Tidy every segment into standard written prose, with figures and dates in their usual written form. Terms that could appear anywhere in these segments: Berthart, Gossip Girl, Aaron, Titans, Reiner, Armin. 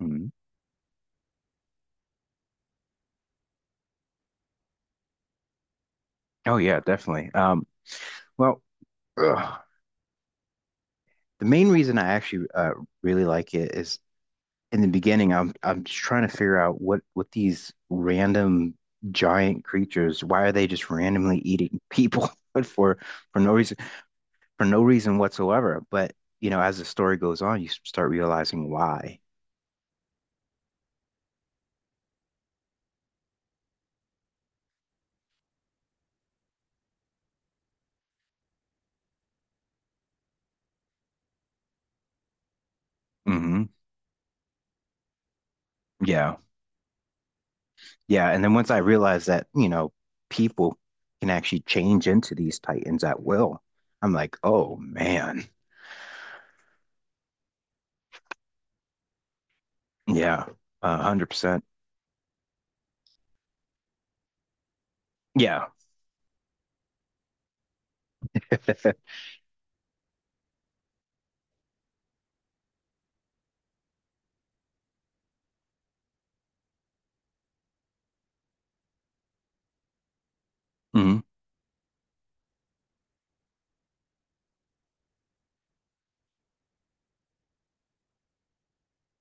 Mhm. Oh yeah, definitely. Well, ugh, the main reason I actually really like it is in the beginning, I'm just trying to figure out what these random giant creatures, why are they just randomly eating people but for no reason for no reason whatsoever. But as the story goes on, you start realizing why. Hmm. Yeah. Yeah, and then once I realized that, people can actually change into these titans at will, I'm like, oh man, yeah, 100%, yeah, hmm,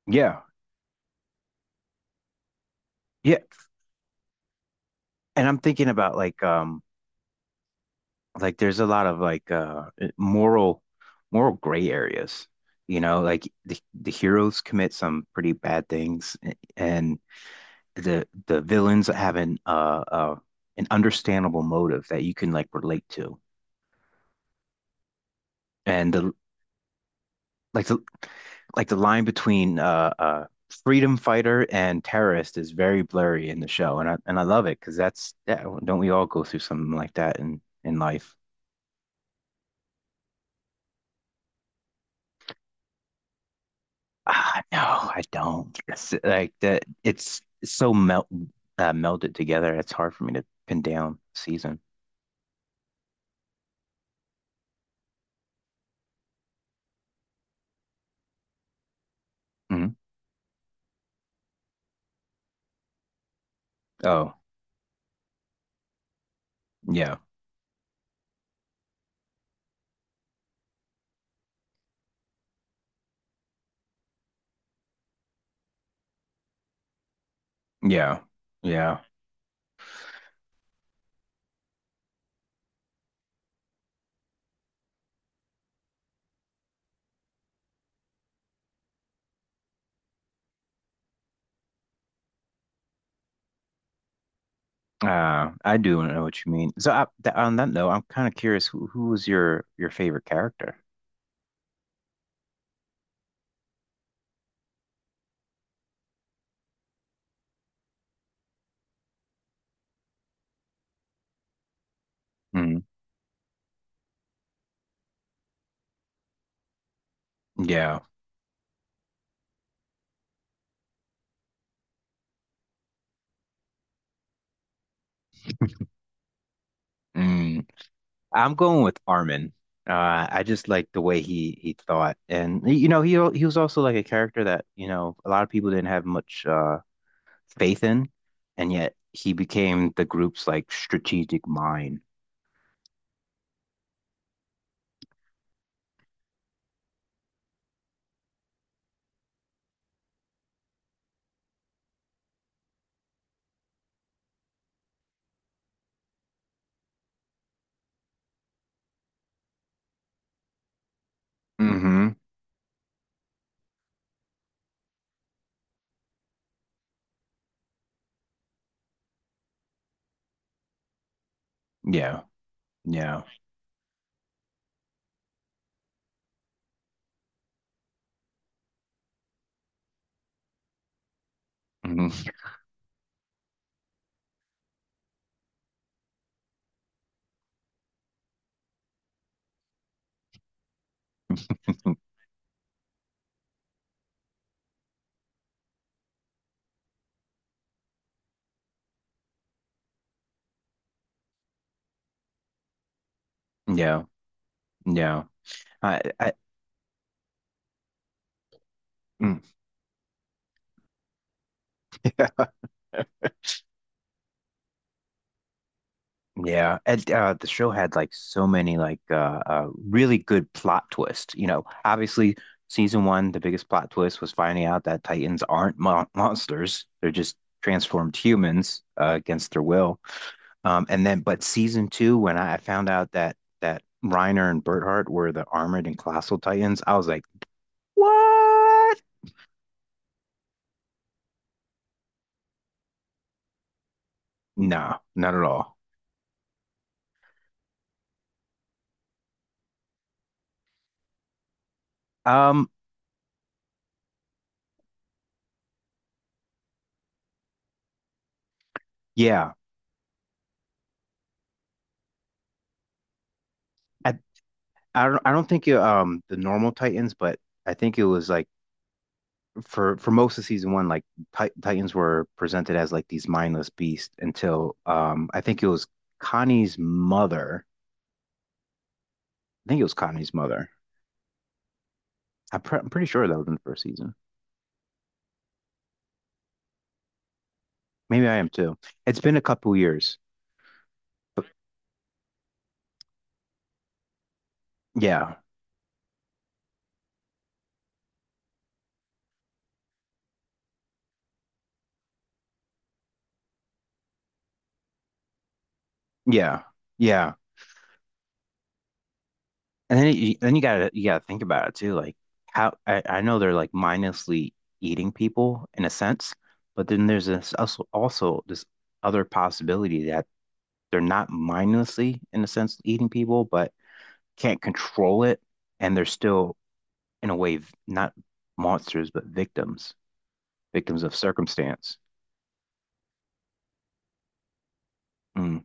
yeah, yeah. And I'm thinking about like there's a lot of like, moral gray areas. Like the heroes commit some pretty bad things, and the villains have an understandable motive that you can like relate to. And the like the like the line between freedom fighter and terrorist is very blurry in the show, and I love it because that's, yeah, don't we all go through something like that in life? Ah, no, I don't. It's like that. It's so melt melded together. It's hard for me to pin down season. Hmm. Oh, yeah, yeah, yeah. I do know what you mean. So I, th on that note, I'm kind of curious who was your favorite character? Mm, yeah. Mm. I'm going with Armin. I just like the way he thought, and he was also like a character that a lot of people didn't have much faith in, and yet he became the group's like strategic mind. Hmm. Yeah, yeah, hmm, yeah, yeah. I, I, mm. Yeah, and the show had like so many like really good plot twists. Obviously season one, the biggest plot twist was finding out that Titans aren't monsters; they're just transformed humans against their will. And then, but season two, when I found out that Reiner and Berthart were the armored and colossal Titans, I was like, what? No, not at all. Um, yeah, I I don't think the normal Titans, but I think it was like. for most of season one, like Titans were presented as like these mindless beasts until I think it was Connie's mother. I think it was Connie's mother. I'm pretty sure that was in the first season. Maybe I am too. It's been a couple years. Yeah, yeah, yeah. And then you gotta think about it too. Like how I know they're like mindlessly eating people in a sense, but then there's this also this other possibility that they're not mindlessly in a sense eating people, but can't control it, and they're still, in a way, not monsters, but victims of circumstance. Mm.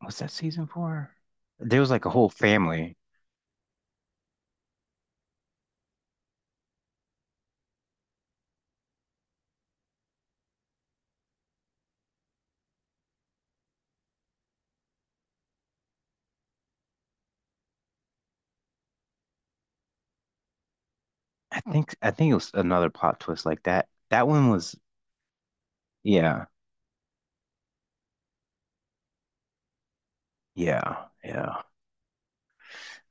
What's that season for? There was like a whole family. I think it was another plot twist like that. That one was, yeah, yeah, yeah.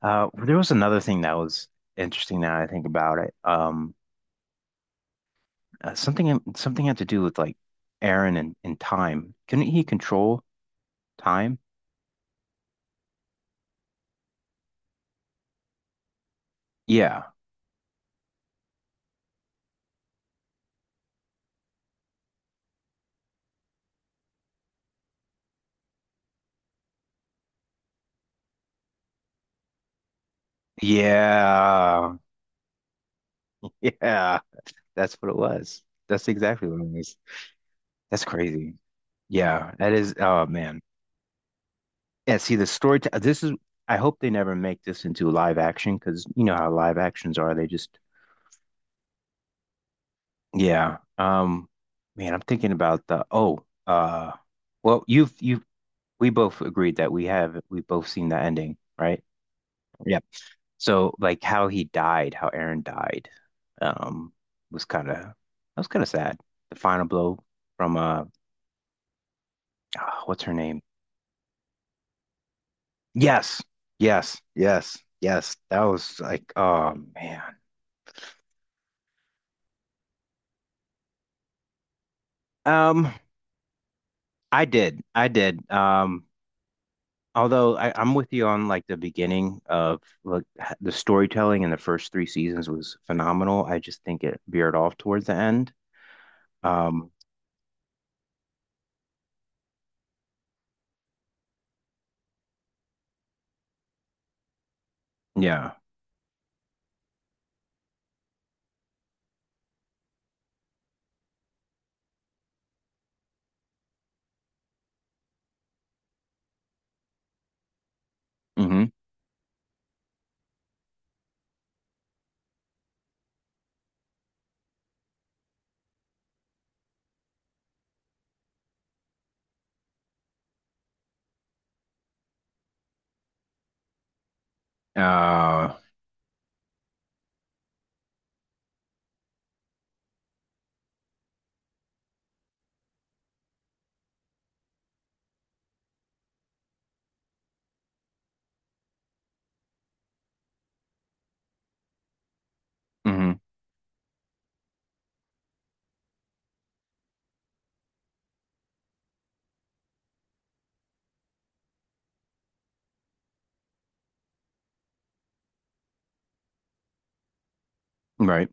There was another thing that was interesting now that I think about it. Something had to do with like Aaron and time. Couldn't he control time? Yeah. Yeah. Yeah. That's what it was. That's exactly what it was. That's crazy. Yeah, that is. Oh man. Yeah. See, the story. This is. I hope they never make this into live action because you know how live actions are. They just. Yeah. Man, I'm thinking about the. Oh. Well, you've you. We both agreed that we have. We both seen the ending, right? Yep. So like how he died, how Aaron died, um, was kind of that was kind of sad. The final blow from what's her name? Yes, yes, yes, yes. That was like, oh man. Um, I did, I did. Although I'm with you on like the beginning of like the storytelling in the first three seasons was phenomenal. I just think it veered off towards the end. Um, yeah. Mm-hmm. Uh, mm-hmm. Right.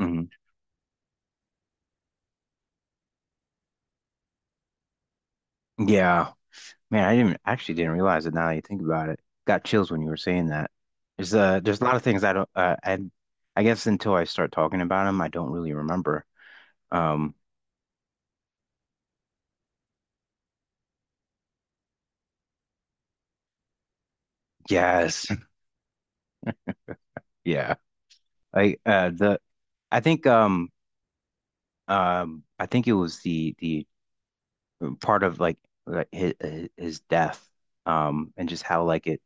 Mm-hmm. Yeah. Man, I didn't actually didn't realize it now that you think about it. Got chills when you were saying that. There's a lot of things I don't I guess until I start talking about them, I don't really remember. Um yes. Yeah. Like the I think um I think it was the part of like his death and just how like it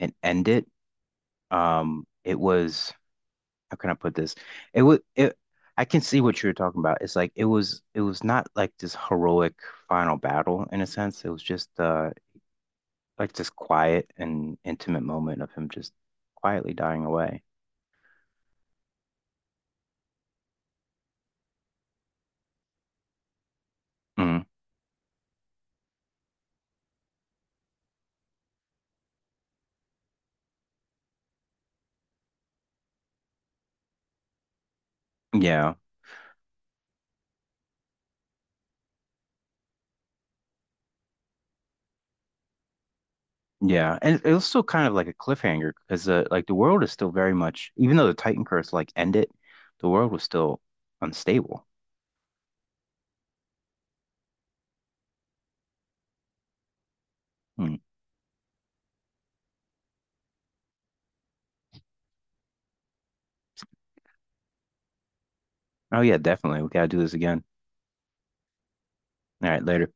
and end it it was how can I put this? It was it I can see what you were talking about. It's like it was not like this heroic final battle in a sense. It was just like this quiet and intimate moment of him just quietly dying away. Mm. Yeah. Yeah. And it was still kind of like a cliffhanger because like the world is still very much even though the Titan curse like ended, the world was still unstable. Mm. Oh yeah, definitely. We gotta do this again. All right, later.